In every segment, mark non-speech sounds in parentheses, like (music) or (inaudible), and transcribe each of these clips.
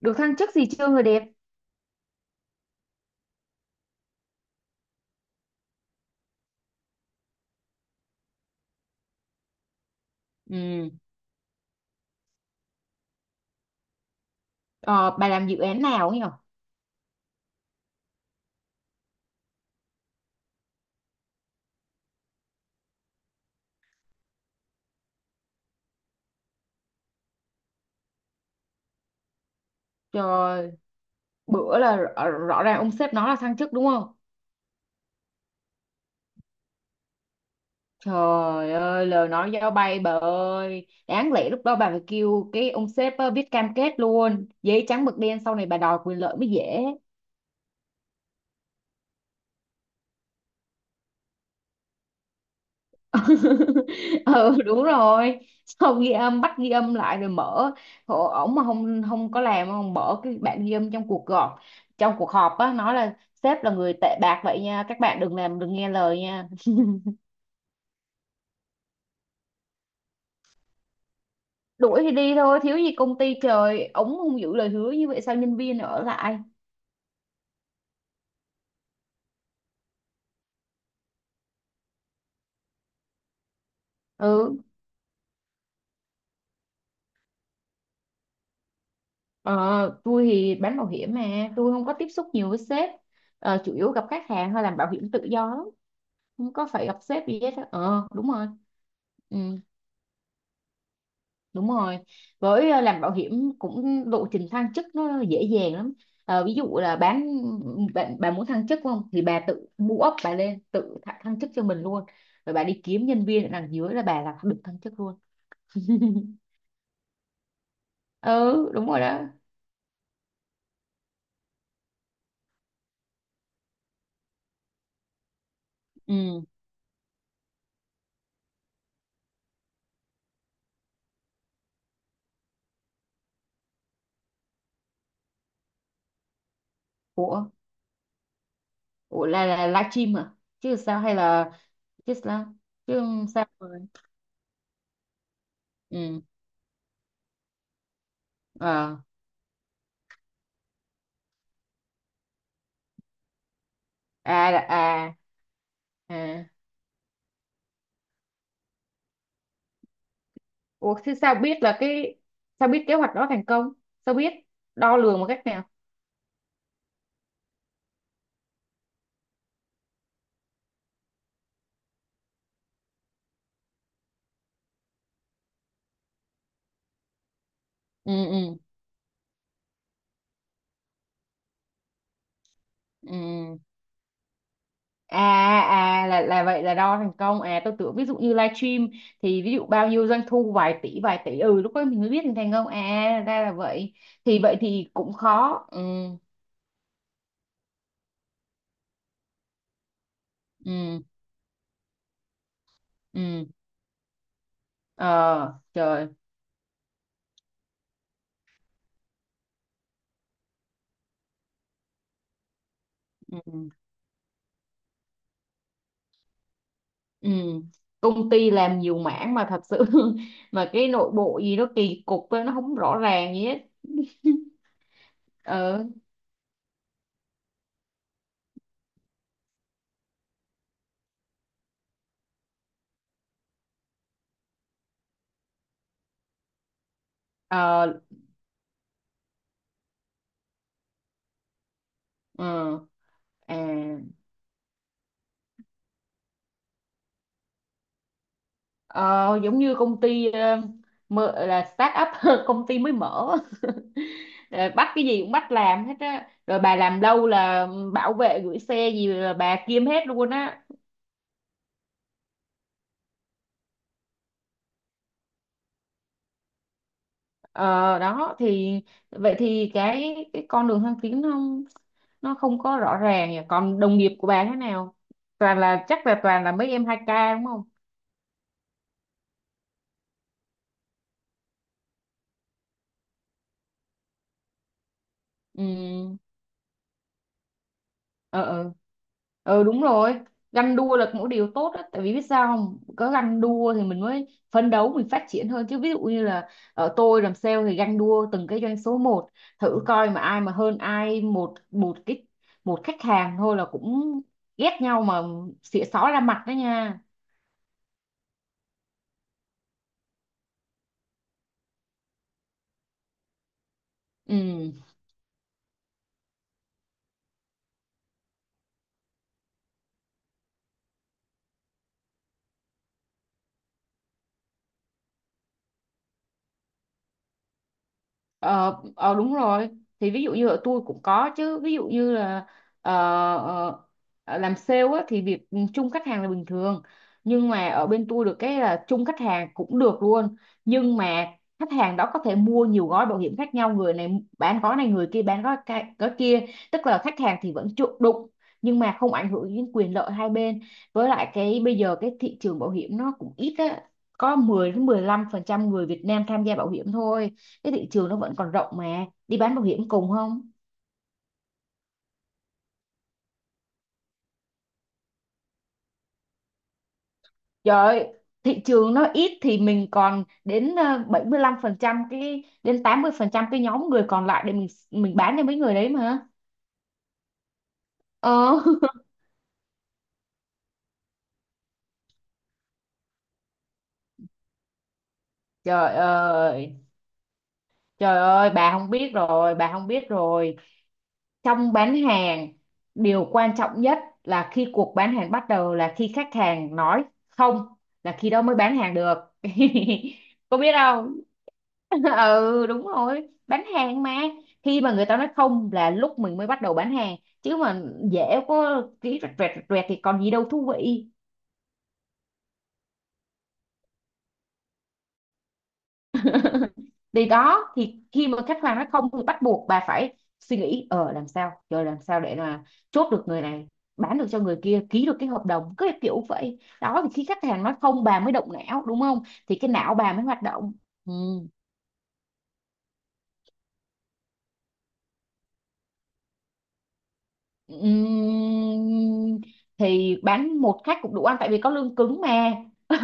Được thăng chức gì chưa, người đẹp? Ừ. ờ, bà làm dự án nào ấy nhở? Trời, bữa là rõ ràng ông sếp nói là thăng chức đúng không? Trời ơi, lời nói giao bay, bà ơi, đáng lẽ lúc đó bà phải kêu cái ông sếp viết cam kết luôn, giấy trắng mực đen, sau này bà đòi quyền lợi mới dễ. (laughs) Ừ, đúng rồi. Xong ghi âm, bắt ghi âm lại rồi mở. Ồ, ổng mà không không có làm, không mở cái bản ghi âm trong cuộc họp, trong cuộc họp á, nói là sếp là người tệ bạc vậy nha, các bạn đừng làm, đừng nghe lời nha. Đuổi thì đi thôi, thiếu gì công ty. Trời, ổng không giữ lời hứa như vậy sao nhân viên ở lại? Ừ. ờ, tôi thì bán bảo hiểm mà tôi không có tiếp xúc nhiều với sếp. Chủ yếu gặp khách hàng, hay làm bảo hiểm tự do lắm, không có phải gặp sếp gì hết á. Ờ Đúng rồi. Ừ, đúng rồi. Với làm bảo hiểm cũng lộ trình thăng chức nó dễ dàng lắm. Ờ, ví dụ là bán, bạn bà muốn thăng chức không thì bà tự mua ốc bà lên, tự thăng thăng chức cho mình luôn. Rồi bà đi kiếm nhân viên ở đằng dưới là bà là được thăng chức luôn. (laughs) Ừ, đúng rồi đó. Ừ. Ủa. Ủa, là livestream à? Chứ sao, hay là chứ sao? Chứ sao rồi? Ừ. Ờ. À. À. À. Ủa, thế sao biết là cái, sao biết kế hoạch đó thành công? Sao biết đo lường một cách nào? Ừ, ừ. Ừ. À à, là vậy là đo thành công. À, tôi tưởng ví dụ như livestream, thì ví dụ bao nhiêu doanh thu, vài tỷ vài tỷ, ừ lúc đó mình mới biết thành thành công. À ra là vậy. Thì vậy thì cũng khó. Ừ, ừ, ừ. Ờ trời. Ừ, ừ. Công ty làm nhiều mảng mà thật sự (laughs) mà cái nội bộ gì nó kỳ cục, nó không rõ ràng gì hết. Ờ, ờ, ừ. À, ờ, giống như công ty mở, là start up, (laughs) công ty mới mở. (laughs) Ờ, bắt cái gì cũng bắt làm hết á, rồi bà làm lâu là bảo vệ gửi xe gì là bà kiêm hết luôn á. Ờ, Đó thì vậy thì cái con đường thăng tiến nó không có rõ ràng nhỉ. Còn đồng nghiệp của bà thế nào? Toàn là, chắc là toàn là mấy em hai ca đúng không? Ừ, ờ, ờ, ờ, đúng rồi. Ganh đua là một điều tốt đó, tại vì biết sao, không có ganh đua thì mình mới phấn đấu, mình phát triển hơn chứ. Ví dụ như là ở tôi làm sale thì ganh đua từng cái doanh số một, thử coi mà ai mà hơn ai một một cái, một khách hàng thôi là cũng ghét nhau mà, xỉa xó ra mặt đó nha. Ừ. Ờ, ờ đúng rồi. Thì ví dụ như ở tôi cũng có chứ, ví dụ như là ờ, ờ, làm sale á, thì việc chung khách hàng là bình thường, nhưng mà ở bên tôi được cái là chung khách hàng cũng được luôn. Nhưng mà khách hàng đó có thể mua nhiều gói bảo hiểm khác nhau, người này bán gói này, người kia bán gói kia, tức là khách hàng thì vẫn chủ đụng, nhưng mà không ảnh hưởng đến quyền lợi hai bên. Với lại cái bây giờ cái thị trường bảo hiểm nó cũng ít á, có 10 đến 15% người Việt Nam tham gia bảo hiểm thôi, cái thị trường nó vẫn còn rộng mà đi bán bảo hiểm cùng không. Trời ơi, thị trường nó ít thì mình còn đến 75% cái, đến 80% cái nhóm người còn lại để mình bán cho mấy người đấy mà. Ờ. (laughs) Trời ơi, trời ơi bà không biết rồi, bà không biết rồi. Trong bán hàng, điều quan trọng nhất là khi cuộc bán hàng bắt đầu là khi khách hàng nói không, là khi đó mới bán hàng được. (laughs) Có biết không? (laughs) Ừ, đúng rồi, bán hàng mà. Khi mà người ta nói không là lúc mình mới bắt đầu bán hàng, chứ mà dễ có ký rẹt rẹt rẹt rẹt thì còn gì đâu thú vị. Thì đó, thì khi mà khách hàng nói không thì bắt buộc bà phải suy nghĩ làm sao, rồi làm sao để là chốt được người này, bán được cho người kia, ký được cái hợp đồng, cứ kiểu vậy đó. Thì khi khách hàng nói không bà mới động não đúng không? Thì cái não bà mới hoạt động. Ừ. Ừm, thì bán một khách cũng đủ ăn, tại vì có lương cứng mà. (laughs)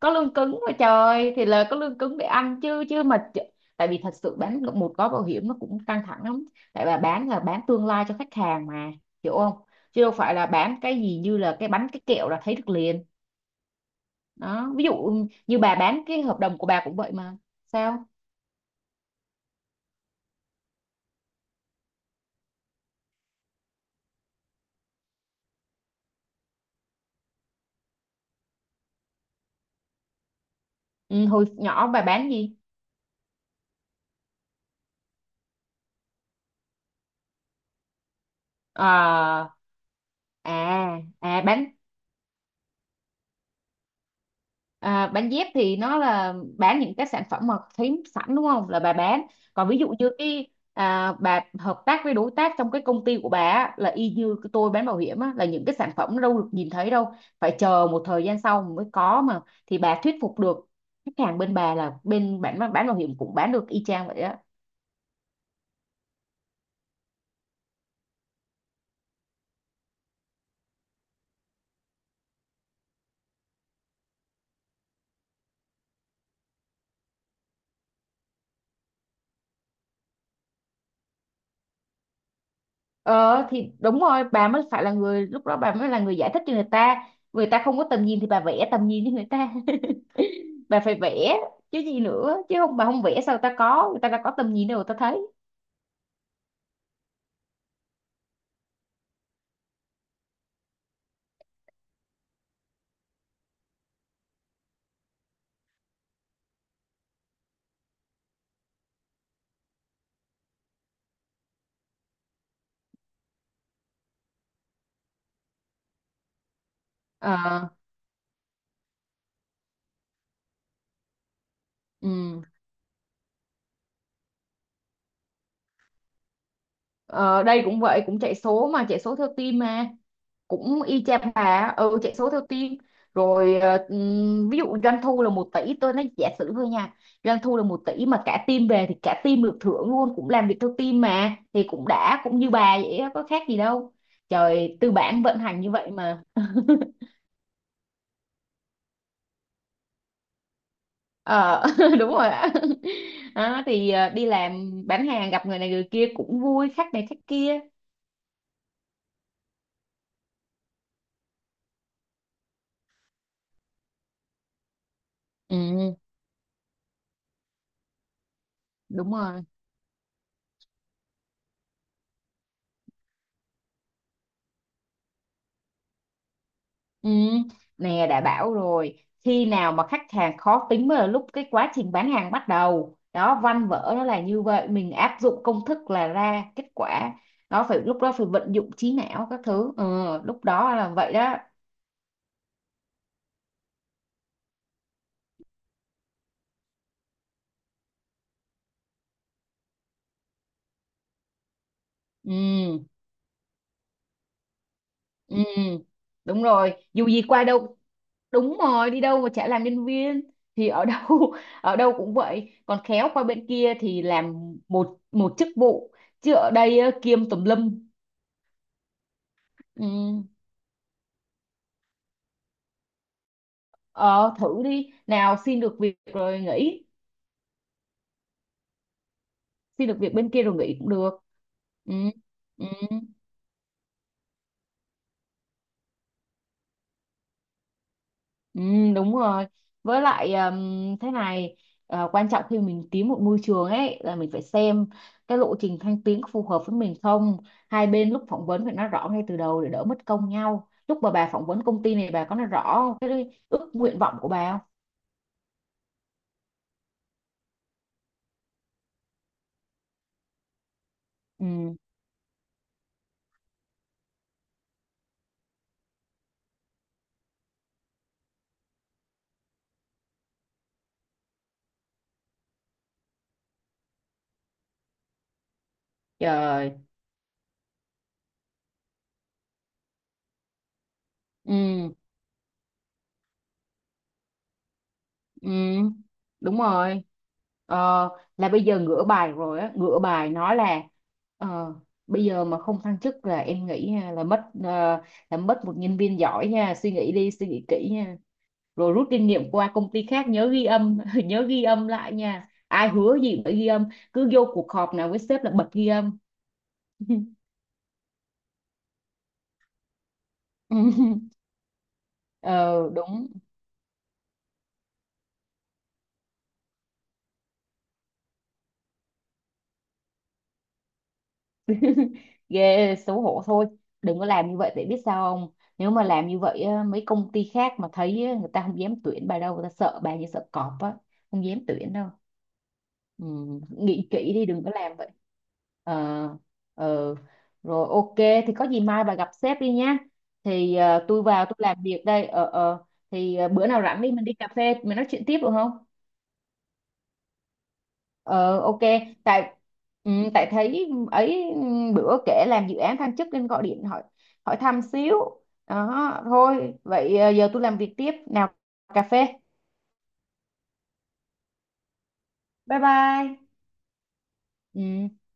Có lương cứng mà trời, thì là có lương cứng để ăn chứ chứ mà tại vì thật sự bán được một gói bảo hiểm nó cũng căng thẳng lắm, tại bà bán là bán tương lai cho khách hàng mà, hiểu không? Chứ đâu phải là bán cái gì như là cái bánh cái kẹo là thấy được liền. Đó, ví dụ như bà bán cái hợp đồng của bà cũng vậy mà. Sao? Ừ, hồi nhỏ bà bán gì? Ờ, à bán. À, bán dép thì nó là bán những cái sản phẩm mà thấy sẵn đúng không, là bà bán. Còn ví dụ như cái à, bà hợp tác với đối tác trong cái công ty của bà á, là y như cái tôi bán bảo hiểm á, là những cái sản phẩm nó đâu được nhìn thấy đâu, phải chờ một thời gian sau mới có mà. Thì bà thuyết phục được khách hàng bên bà là bên bán bảo hiểm cũng bán được y chang vậy á. Ờ thì đúng rồi, bà mới phải là người, lúc đó bà mới là người giải thích cho người ta. Người ta không có tầm nhìn thì bà vẽ tầm nhìn cho người ta, bà phải vẽ. Chứ gì nữa, chứ không bà không vẽ sao ta có, người ta đã có tầm nhìn đâu, người ta thấy. Ờ, ừ. Ờ, đây cũng vậy, cũng chạy số mà chạy số theo team mà, cũng y chang bà á, ừ chạy số theo team. Rồi ví dụ doanh thu là 1 tỷ, tôi nói giả sử thôi nha. Doanh thu là 1 tỷ mà cả team về thì cả team được thưởng luôn, cũng làm việc theo team mà, thì cũng đã, cũng như bà vậy á, có khác gì đâu. Trời, tư bản vận hành như vậy mà. Ờ, (laughs) đúng rồi ạ. (laughs) Đó, thì đi làm bán hàng gặp người này người kia cũng vui, khách này khách kia. Ừ, đúng rồi. Ừ. Nè, đã bảo rồi, khi nào mà khách hàng khó tính mới là lúc cái quá trình bán hàng bắt đầu đó, văn vở nó là như vậy, mình áp dụng công thức là ra kết quả. Đó, phải lúc đó phải vận dụng trí não các thứ, ừ, lúc đó là vậy đó. Ừ. Ừ đúng rồi, dù gì qua đâu, đúng rồi, đi đâu mà chả làm nhân viên. Thì ở đâu, (laughs) ở đâu cũng vậy, còn khéo qua bên kia thì làm một một chức vụ, chứ ở đây á, kiêm tùm lum. Ừ. ờ, Thử đi, nào xin được việc rồi nghỉ. Xin được việc bên kia rồi nghỉ cũng được. Ừ. Ừ. Ừ, đúng rồi. Với lại thế này, quan trọng khi mình tìm một môi trường ấy là mình phải xem cái lộ trình thăng tiến có phù hợp với mình không. Hai bên lúc phỏng vấn phải nói rõ ngay từ đầu để đỡ mất công nhau. Lúc mà bà phỏng vấn công ty này bà có nói rõ cái ước nguyện vọng của bà không? Ừ, trời. Ừ. Ừ, đúng rồi. Ờ, là bây giờ ngửa bài rồi á, ngửa bài nói là ờ, bây giờ mà không thăng chức là em nghĩ ha, là mất là mất một nhân viên giỏi nha, suy nghĩ đi, suy nghĩ kỹ nha. Rồi rút kinh nghiệm qua công ty khác nhớ ghi âm, (laughs) nhớ ghi âm lại nha. Ai hứa gì cũng phải ghi âm, cứ vô cuộc họp nào với sếp là bật ghi âm. (laughs) Ừ, đúng. Ghê, xấu hổ thôi, đừng có làm như vậy, để biết sao không, nếu mà làm như vậy á, mấy công ty khác mà thấy á, người ta không dám tuyển bà đâu, người ta sợ bà như sợ cọp á, không dám tuyển đâu. Ừ, nghĩ kỹ đi, đừng có làm vậy. Ờ, ờ, rồi ok, thì có gì mai bà gặp sếp đi nhá. Thì tôi vào tôi làm việc đây, ờ, ờ. Thì bữa nào rảnh đi, mình đi cà phê mình nói chuyện tiếp được không? Ờ, ok. Tại ừ, tại thấy ấy, ừ, bữa kể làm dự án thăng chức nên gọi điện hỏi, hỏi thăm xíu. Đó thôi vậy, giờ tôi làm việc tiếp nào. Cà phê. Bye bye. Ừ.